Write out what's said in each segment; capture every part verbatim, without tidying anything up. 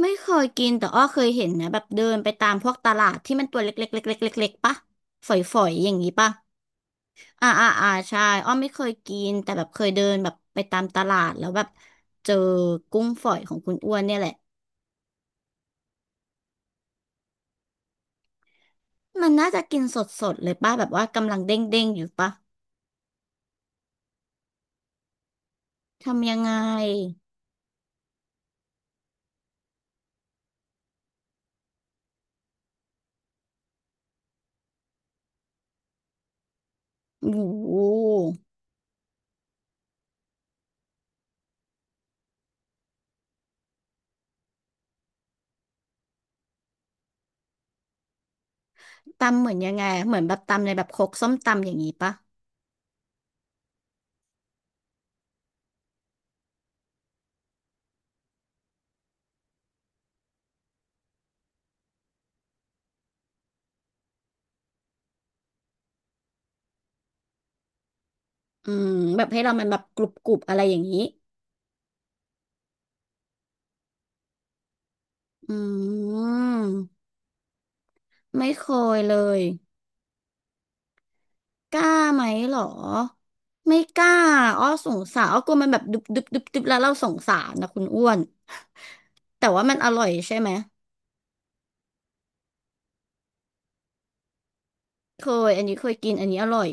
ไม่เคยกินแต่อ้อเคยเห็นนะแบบเดินไปตามพวกตลาดที่มันตัวเล็กๆเล็กๆเล็กๆปะฝอยๆอย่างนี้ปะอ่าอ่าอ่าใช่อ้อไม่เคยกินแต่แบบเคยเดินแบบไปตามตลาดแล้วแบบเจอกุ้งฝอยของคุณอ้วนเนี่ยแหละมันน่าจะกินสดๆเลยปะแบบว่ากำลังเด้งๆอยู่ปะทำยังไงโอ้โหตำเหมือนยังไงอะเหมือนแบบตำในแบบครกส้มตำอย่างนี้ปะอืมแบบให้เรามันแบบกรุบๆอะไรอย่างนี้อืมไม่เคยเลย กล้าไหมเหรอไม่กล้าอ้อสงสารอ้อกลัวมันแบบดึบดึบดุบดบแล้วเราสงสารนะคุณอ้วนแต่ว่ามันอร่อยใช่ไหมเคยอันนี้เคยกินอันนี้อร่อย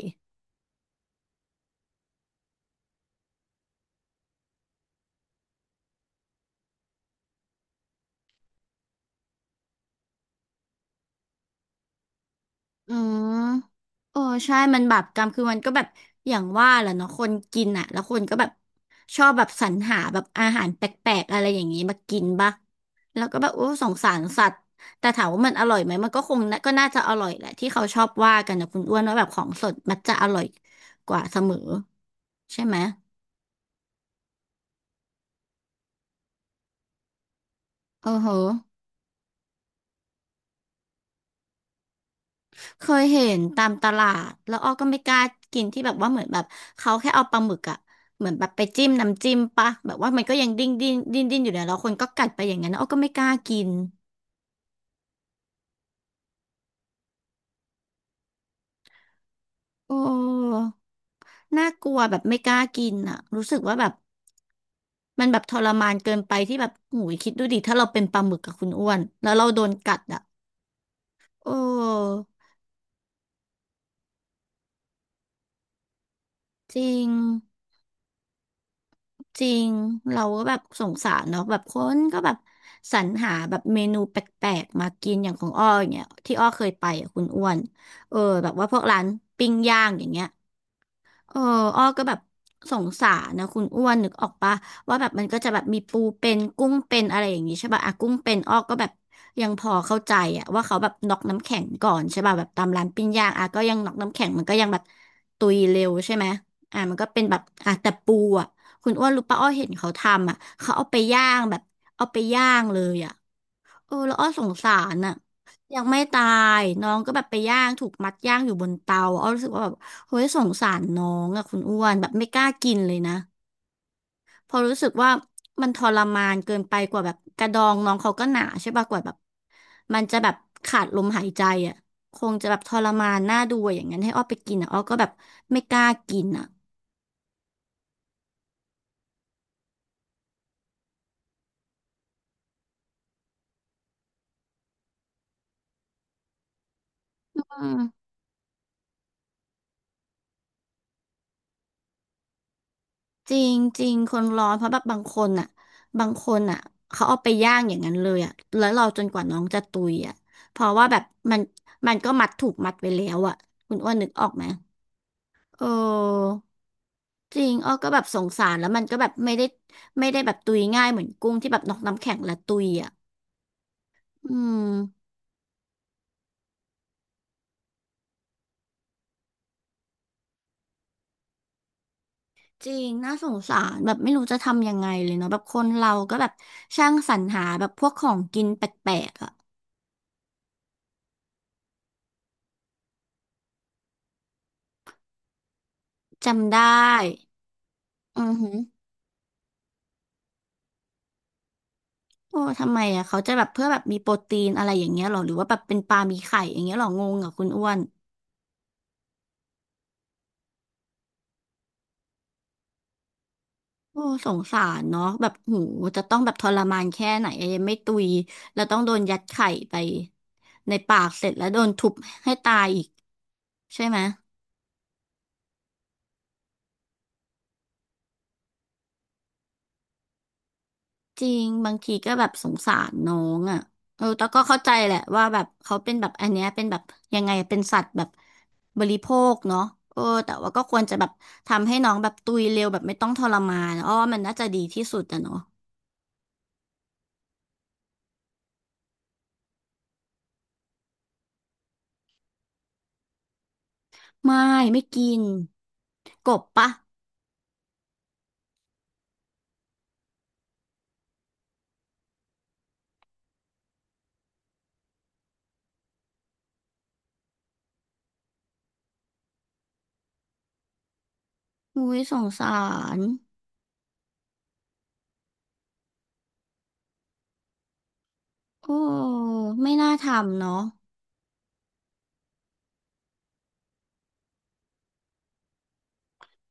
อืมโอ้ใช่มันบาปกรรมคือมันก็แบบอย่างว่าแหละเนาะคนกินอ่ะแล้วคนก็แบบชอบแบบสรรหาแบบอาหารแปลกๆอะไรอย่างนี้มากินปะแล้วก็แบบโอ้สงสารสัตว์แต่ถามว่ามันอร่อยไหมมันก็คงน่ะก็น่าจะอร่อยแหละที่เขาชอบว่ากันนะคุณอ้วนว่าแบบของสดมันจะอร่อยกว่าเสมอใช่ไหมโอ้โห เคยเห็นตามตลาดแล้วอ้อก็ไม่กล้ากินที่แบบว่าเหมือนแบบเขาแค่เอาปลาหมึกอะเหมือนแบบไปจิ้มน้ำจิ้มปะแบบว่ามันก็ยังดิ้นดิ้นดิ้นดิ้นอยู่เนี่ยแล้วคนก็กัดไปอย่างนั้นอ้อก็ไม่กล้ากินโอ้น่ากลัวแบบไม่กล้ากินอะรู้สึกว่าแบบมันแบบทรมานเกินไปที่แบบหูยคิดดูดิถ้าเราเป็นปลาหมึกกับคุณอ้วนแล้วเราโดนกัดอะโอ้จริง จริง เราก็แบบสงสารเนาะแบบคนก็แบบสรรหาแบบเมนูแปลกๆมากินอย่างของอ้ออย่างเงี้ยที่อ้อเคยไปอ่ะคุณอ้วนเออแบบว่าพวกร้านปิ้งย่างอย่างเงี้ย เอออ้อก็แบบสงสารนะคุณอ้วนนึกออกปะว่าแบบมันก็จะแบบมีปูเป็นกุ้งเป็นอะไรอย่างงี้ใช่ป่ะอะกุ้งเป็นอ้อก็แบบยังพอเข้าใจอะว่าเขาแบบน็อกน้ำแข็งก่อนใช่ป่ะแบบตามร้านปิ้งย่างอะก็ยังน็อกน้ำแข็งมันก็ยังแบบตุยเร็วใช่ไหมอ่ะมันก็เป็นแบบอ่ะแต่ปูอะคุณอ้วนรู้ปะอ้อเห็นเขาทำอ่ะเขาเอาไปย่างแบบเอาไปย่างเลยอ่ะ เออแล้วอ้อสงสารน่ะยังไม่ตายน้องก็แบบไปย่างถูกมัดย่างอยู่บนเตาอ้อรู้สึกว่าแบบเฮ้ยสงสารน้องอะคุณอ้วนแบบไม่กล้ากินเลยนะเพอราะรู้สึกว่ามันทรมานเกินไปกว่าแบบกระดองน้องเขาก็หนาใช่ป่ะกว่าแบบมันจะแบบขาดลมหายใจอะคงจะแบบทรมานน่าดูอะอย่างนั้นให้อ้อไปกินอะอ้อก็แบบไม่กล้ากินอะอืม จริงจริงคนร้อนเพราะแบบบางคนอ่ะบางคนอ่ะเขาเอาไปย่างอย่างนั้นเลยอ่ะแล้วเราจนกว่าน้องจะตุยอ่ะเพราะว่าแบบมันมันก็มัดถูกมัดไว้แล้วอ่ะคุณอ้วนนึกออกไหมเออจริงอ้อก็แบบสงสารแล้วมันก็แบบไม่ได้ไม่ได้แบบตุยง่ายเหมือนกุ้งที่แบบนอกน้ำแข็งและตุยอ่ะอืมจริงน่าสงสารแบบไม่รู้จะทำยังไงเลยเนาะแบบคนเราก็แบบช่างสรรหาแบบพวกของกินแปลกๆอ่ะจำได้อือหือ โอ้ทำไมอ่ะเขาจะแบบเพื่อแบบมีโปรตีนอะไรอย่างเงี้ยหรอหรือว่าแบบเป็นปลามีไข่อย่างเงี้ยหรองงกับคุณอ้วนโอ้สงสารเนาะแบบหูจะต้องแบบทรมานแค่ไหนอะยังไม่ตุยแล้วต้องโดนยัดไข่ไปในปากเสร็จแล้วโดนทุบให้ตายอีกใช่ไหม จริงบางทีก็แบบสงสารน้องอ่ะเออแต่ก็เข้าใจแหละว่าแบบเขาเป็นแบบอันเนี้ยเป็นแบบยังไงเป็นสัตว์แบบบริโภคเนาะเออแต่ว่าก็ควรจะแบบทำให้น้องแบบตุยเร็วแบบไม่ต้องทรมานอ้อว่ามันน่าจะดีที่สุดอะเนาะไม่ไม่กินกบปะอุ้ยสงสารโอ้ไม่น่าทำเนาะ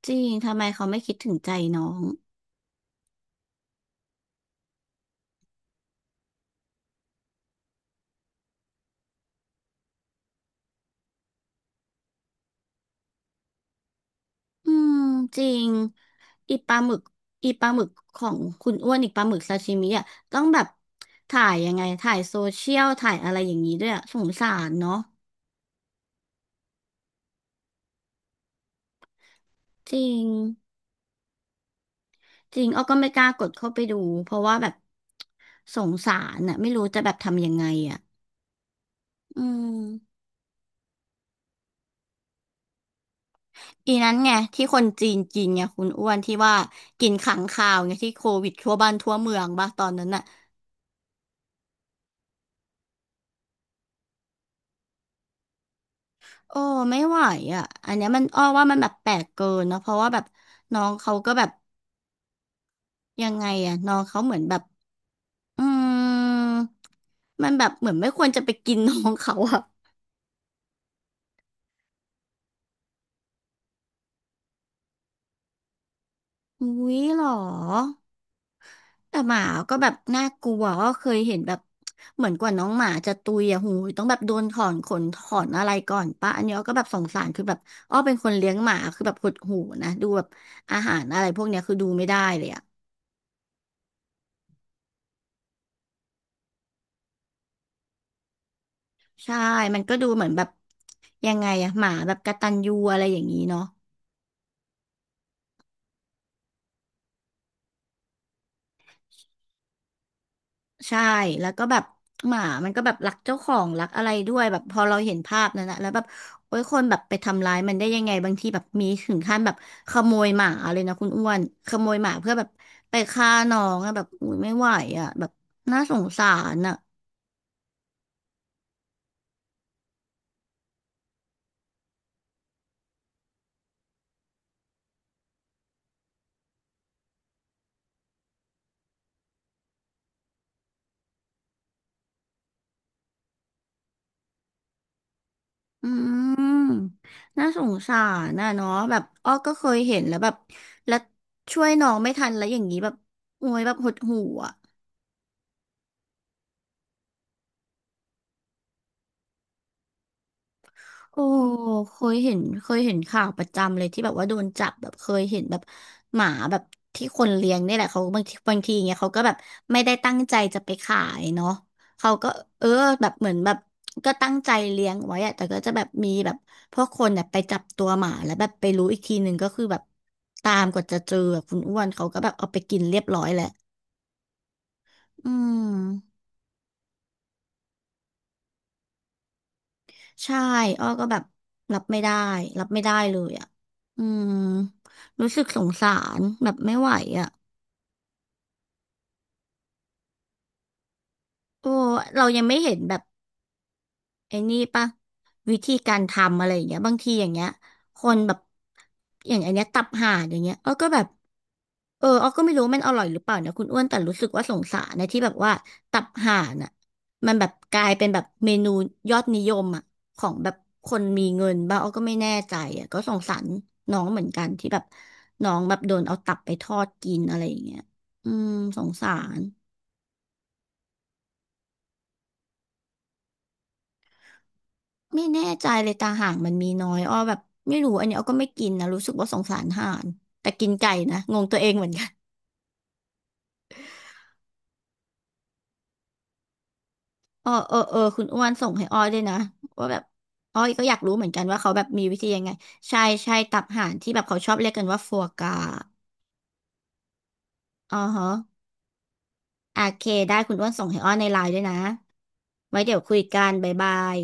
จริงทำไมเขาไม่คิดถึงใจน้อง อืมจริงอีปลาหมึกอีปลาหมึกของคุณอ้วนอีปลาหมึกซาชิมิอ่ะต้องแบบถ่ายยังไงถ่ายโซเชียลถ่ายอะไรอย่างนี้ด้วยอะสงสารเนาะจริงจริงอ้อก็ไม่กล้ากดเข้าไปดูเพราะว่าแบบสงสารน่ะไม่รู้จะแบบทำยังไงอ่ะอืมอีนั้นไงที่คนจีนกินไงคุณอ้วนที่ว่ากินขังคาวไงที่โควิดทั่วบ้านทั่วเมืองบ้าตอนนั้นน่ะ โอ้ไม่ไหวอ่ะอันเนี้ยมันอ้อว่ามันแบบแปลกเกินเนาะเพราะว่าแบบน้องเขาก็แบบยังไงอ่ะน้องเขาเหมือนแบบอืมมันแบบเหมือนไม่ควรจะไปกินน้องเขาอ่ะอุ้ยเหรอแต่หมาก็แบบน่ากลัวก็เคยเห็นแบบเหมือนกว่าน้องหมาจะตุยอ่ะหูยต้องแบบโดนถอนขนถอนอะไรก่อนปะอันนี้อ้อก็แบบสงสารคือแบบอ้อเป็นคนเลี้ยงหมาคือแบบหดหูนะดูแบบอาหารอะไรพวกเนี้ยคือดูไม่ได้เลยอ่ะ ใช่ มันก็ดูเหมือนแบบยังไงอะหมาแบบกตัญญูอะไรอย่างนี้เนาะใช่แล้วก็แบบหมามันก็แบบรักเจ้าของรักอะไรด้วยแบบพอเราเห็นภาพนั้นนะแล้วแบบโอ้ยคนแบบไปทำร้ายมันได้ยังไงบางทีแบบมีถึงขั้นแบบขโมยหมาเลยนะคุณอ้วนขโมยหมาเพื่อแบบไปฆ่าน้องอะแบบอุ้ยไม่ไหวอะแบบน่าสงสารอะอืมน่าสงสารนะเนาะแบบอ้อก็เคยเห็นแล้วแบบแล้วช่วยน้องไม่ทันแล้วอย่างนี้แบบโอ้ยแบบหดหู่อะ โอ้เคยเห็นเคยเห็นข่าวประจำเลยที่แบบว่าโดนจับแบบเคยเห็นแบบหมาแบบที่คนเลี้ยงนี่แหละเขาบางทีบางทีเงี้ยเขาก็แบบไม่ได้ตั้งใจจะไปขายเนาะเขาก็เออแบบเหมือนแบบก็ตั้งใจเลี้ยงไว้อะแต่ก็จะแบบมีแบบพวกคนเนี่ยไปจับตัวหมาแล้วแบบไปรู้อีกทีหนึ่งก็คือแบบตามกว่าจะเจออะคุณอ้วนเขาก็แบบเอาไปกินเรียบร้อยแหละอืม ใช่อ้อก็แบบรับไม่ได้ รับไม่ได้เลยอ่ะอืมรู้สึกสงสารแบบไม่ไหวอ่ะโอ้เรายังไม่เห็นแบบ ไอ้นี่ปะวิธีการทำอะไรอย่างเงี้ยบางทีอย่างเงี้ยคนแบบอย่างอันเนี้ยตับห่านอย่างเงี้ยอ้อก็แบบเอออ้อก็ไม่รู้มันอร่อยหรือเปล่านะคุณอ้วนแต่รู้สึกว่าสงสารนะที่แบบว่าตับห่านอ่ะมันแบบกลายเป็นแบบเมนูยอดนิยมอ่ะของแบบคนมีเงินบ้างอ้อก็ไม่แน่ใจอ่ะก็สงสารน้องเหมือนกันที่แบบน้องแบบโดนเอาตับไปทอดกินอะไรอย่างเงี้ยอืมสงสาร ไม่แน่ใจเลยตาห่างมันมีน้อยอ้อแบบไม่รู้อันนี้อ้อก็ไม่กินนะรู้สึกว่าสงสารห่านแต่กินไก่นะงงตัวเองเหมือนกันอ้อเออเออคุณอ้วนส่งให้อ้อด้วยนะว่าแบบอ้อก็อยากรู้เหมือนกันว่าเขาแบบมีวิธียังไงใช่ใช่ตับห่านที่แบบเขาชอบเรียกกันว่าฟัวกราอ๋อฮะโอเคได้คุณอ้วนส่งให้อ้อในไลน์ด้วยนะไว้เดี๋ยวคุยกันบ๊ายบาย